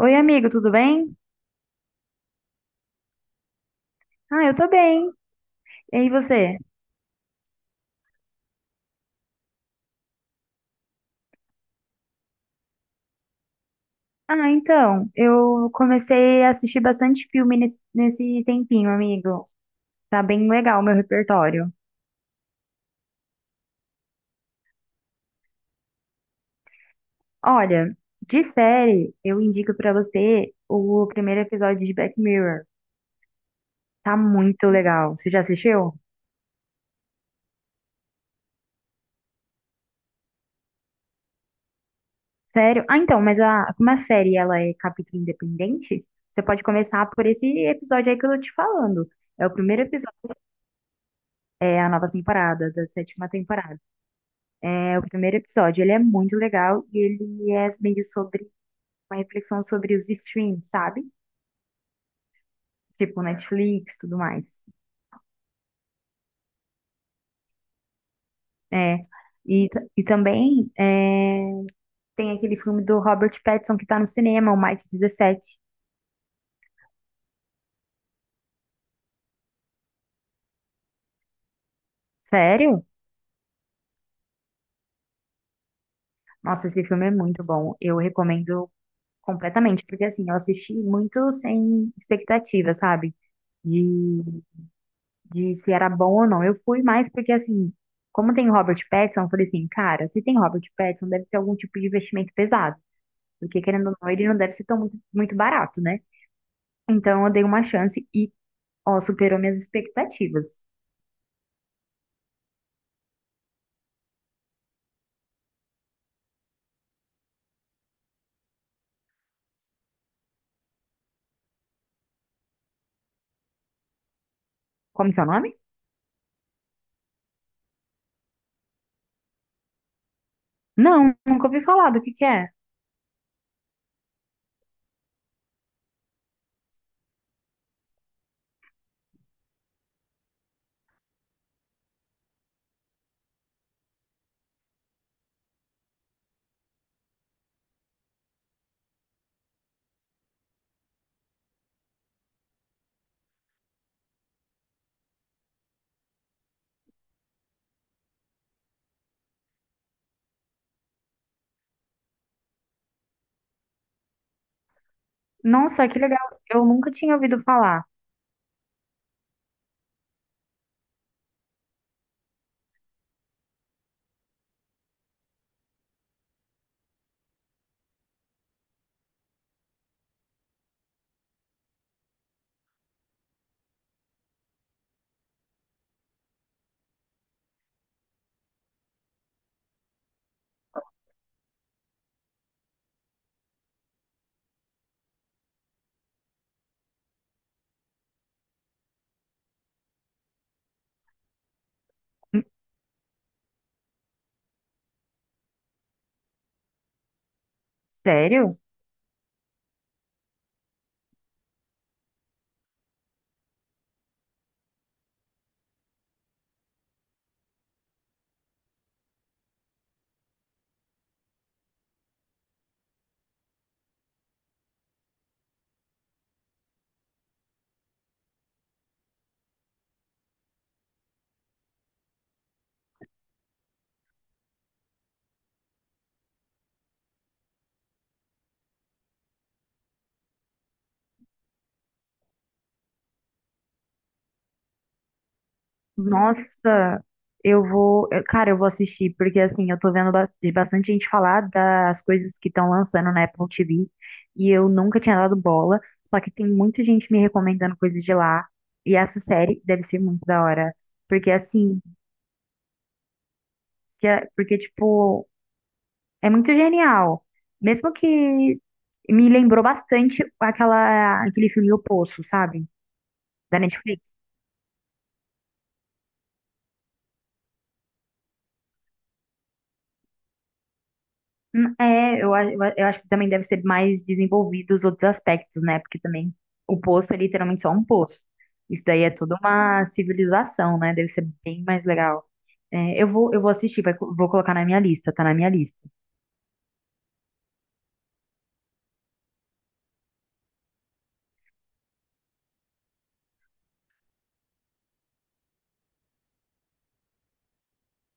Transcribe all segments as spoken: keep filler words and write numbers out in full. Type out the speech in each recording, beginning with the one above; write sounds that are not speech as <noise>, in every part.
Oi, amigo, tudo bem? Ah, eu tô bem. E aí, você? Ah, então, eu comecei a assistir bastante filme nesse, nesse tempinho, amigo. Tá bem legal o meu repertório. Olha, de série, eu indico pra você o primeiro episódio de Black Mirror. Tá muito legal. Você já assistiu? Sério? Ah, então, mas a, como a série ela é capítulo independente, você pode começar por esse episódio aí que eu tô te falando. É o primeiro episódio, é a nova temporada, da sétima temporada. É o primeiro episódio, ele é muito legal e ele é meio sobre uma reflexão sobre os streams, sabe? Tipo Netflix, tudo mais. É. E, t- e também é, tem aquele filme do Robert Pattinson que tá no cinema, o Mike dezessete. Sério? Nossa, esse filme é muito bom. Eu recomendo completamente, porque assim, eu assisti muito sem expectativa, sabe? De de se era bom ou não. Eu fui mais porque, assim, como tem o Robert Pattinson, eu falei assim, cara, se tem Robert Pattinson, deve ter algum tipo de investimento pesado. Porque, querendo ou não, ele não deve ser tão muito, muito barato, né? Então, eu dei uma chance e, ó, superou minhas expectativas. Como que é o nome? Não, nunca ouvi falar do que que é. Nossa, que legal. Eu nunca tinha ouvido falar. Hum, Sério? Nossa, eu vou. eu- Cara, eu vou assistir, porque assim, eu tô vendo bas- de bastante gente falar das coisas que estão lançando na Apple T V e eu nunca tinha dado bola, só que tem muita gente me recomendando coisas de lá e essa série deve ser muito da hora, porque assim, que é- porque tipo, é muito genial. Mesmo que me lembrou bastante aquela, aquele filme O Poço, sabe? Da Netflix. Hum, É, eu, a- eu a- eu acho que também deve ser mais desenvolvido os outros aspectos, né? Porque também o poço é literalmente só um poço. Isso daí é toda uma civilização, né? Deve ser bem mais legal. É, eu vou, eu vou assistir, vai co- vou colocar na minha lista, tá na minha lista.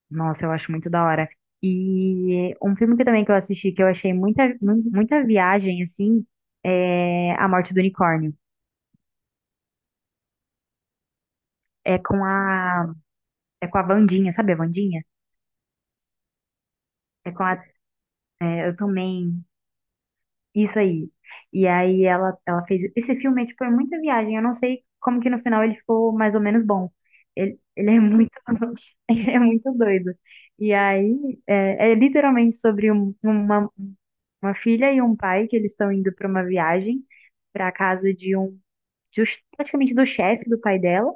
Nossa, eu acho muito da hora. E um filme que também que eu assisti, que eu achei muita, mu- muita viagem, assim, é A Morte do Unicórnio. É com a, é com a Wandinha, sabe a Wandinha? É com a, é, eu também. Isso aí. E aí ela, ela fez. Esse filme, é, tipo, é muita viagem. Eu não sei como que no final ele ficou mais ou menos bom. Ele, ele é muito, <laughs> ele é muito doido. E aí é, é literalmente sobre um- uma, uma filha e um pai que eles estão indo para uma viagem para casa de um just, praticamente do chefe do pai dela.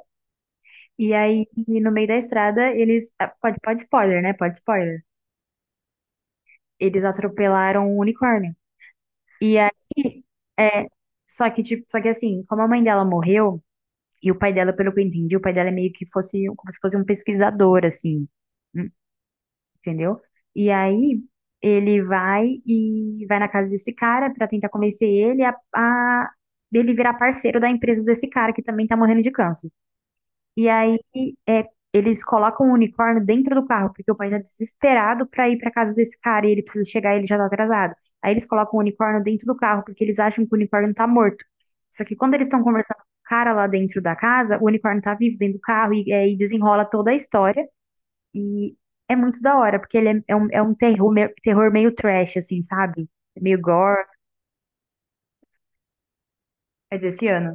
E aí, no meio da estrada, eles. ah, Pode, pode spoiler, né? Pode spoiler. Eles atropelaram um unicórnio. E aí, é, só que, tipo, só que assim, como a mãe dela morreu, e o pai dela, pelo que eu entendi, o pai dela é meio que fosse, um, como se fosse um pesquisador, assim, hum, entendeu? E aí, ele vai e vai na casa desse cara pra tentar convencer ele a, a ele virar parceiro da empresa desse cara que também tá morrendo de câncer. E aí é, eles colocam o unicórnio dentro do carro, porque o pai tá desesperado pra ir pra casa desse cara e ele precisa chegar e ele já tá atrasado. Aí eles colocam o unicórnio dentro do carro, porque eles acham que o unicórnio tá morto. Só que quando eles estão conversando com o cara lá dentro da casa, o unicórnio tá vivo dentro do carro e aí desenrola toda a história. E é muito da hora, porque ele é, é um, é um terror, meio- terror meio trash, assim, sabe? É meio gore. É desse ano.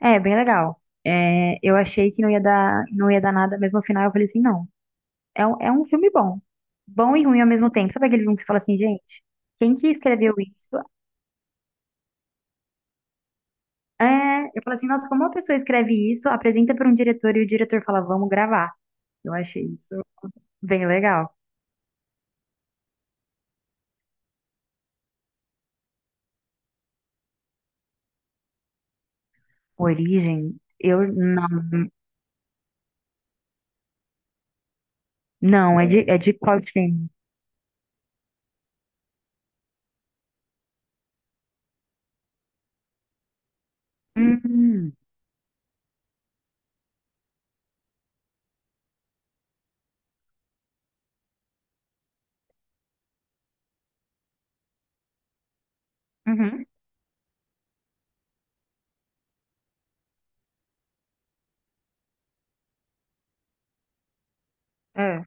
É, bem legal. É, eu achei que não ia dar, não ia dar nada, mas no final eu falei assim, não. É, um- é um filme bom. Bom e ruim ao mesmo tempo. Sabe aquele filme que você fala assim, gente, quem que escreveu isso? É, eu falo assim, nossa, como uma pessoa escreve isso, apresenta para um diretor e o diretor fala, vamos gravar. Eu achei isso bem legal. Origem, eu não. Não, é de, é de qual streaming? Hum, uhum, é.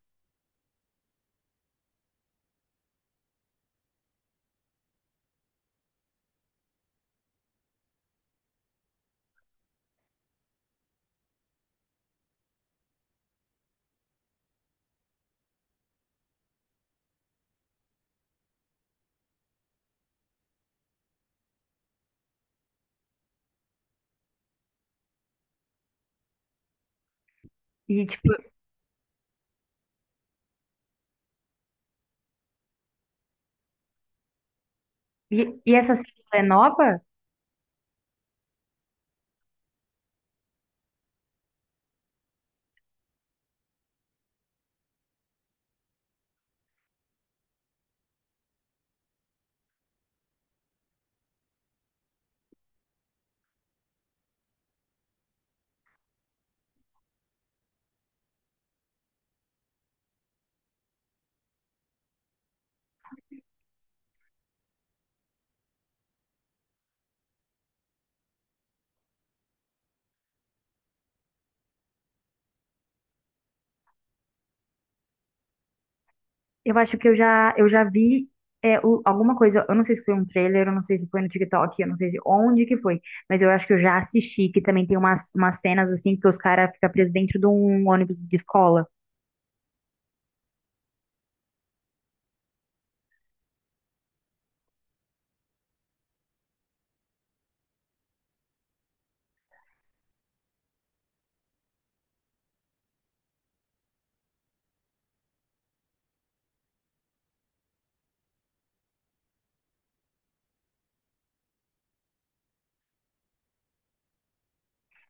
E, tipo, e, e essa série é nova? Eu acho que eu já, eu já vi é, o- alguma coisa, eu não sei se foi um trailer, eu não sei se foi no TikTok, eu não sei se onde que foi, mas eu acho que eu já assisti, que também tem umas, umas cenas assim que os caras ficam presos dentro de um ônibus de escola.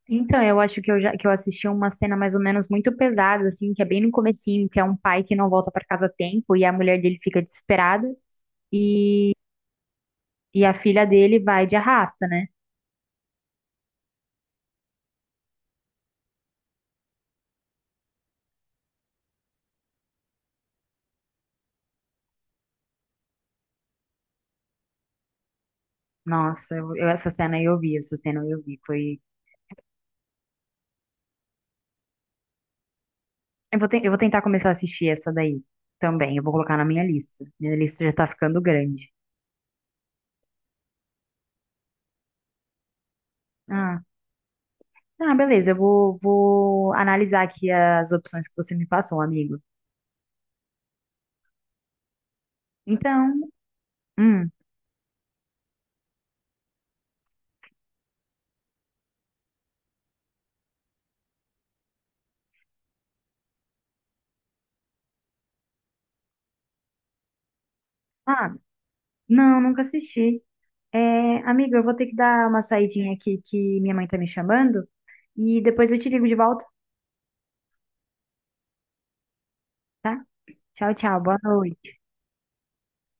Então, eu acho que eu já que eu assisti uma cena mais ou menos muito pesada, assim, que é bem no comecinho, que é um pai que não volta pra casa a tempo e a mulher dele fica desesperada e a filha dele vai de arrasta, né? Nossa, eu, eu- essa cena eu vi, essa cena eu vi, foi. Eu vou, ten- eu vou tentar começar a assistir essa daí também. Eu vou colocar na minha lista. Minha lista já tá ficando grande. Ah, ah, beleza. Eu vou, vou analisar aqui as opções que você me passou, amigo. Então, hum, ah, não, nunca assisti. É, amigo, eu vou ter que dar uma saidinha aqui que minha mãe tá me chamando e depois eu te ligo de volta, tá? Tchau, tchau. Boa noite.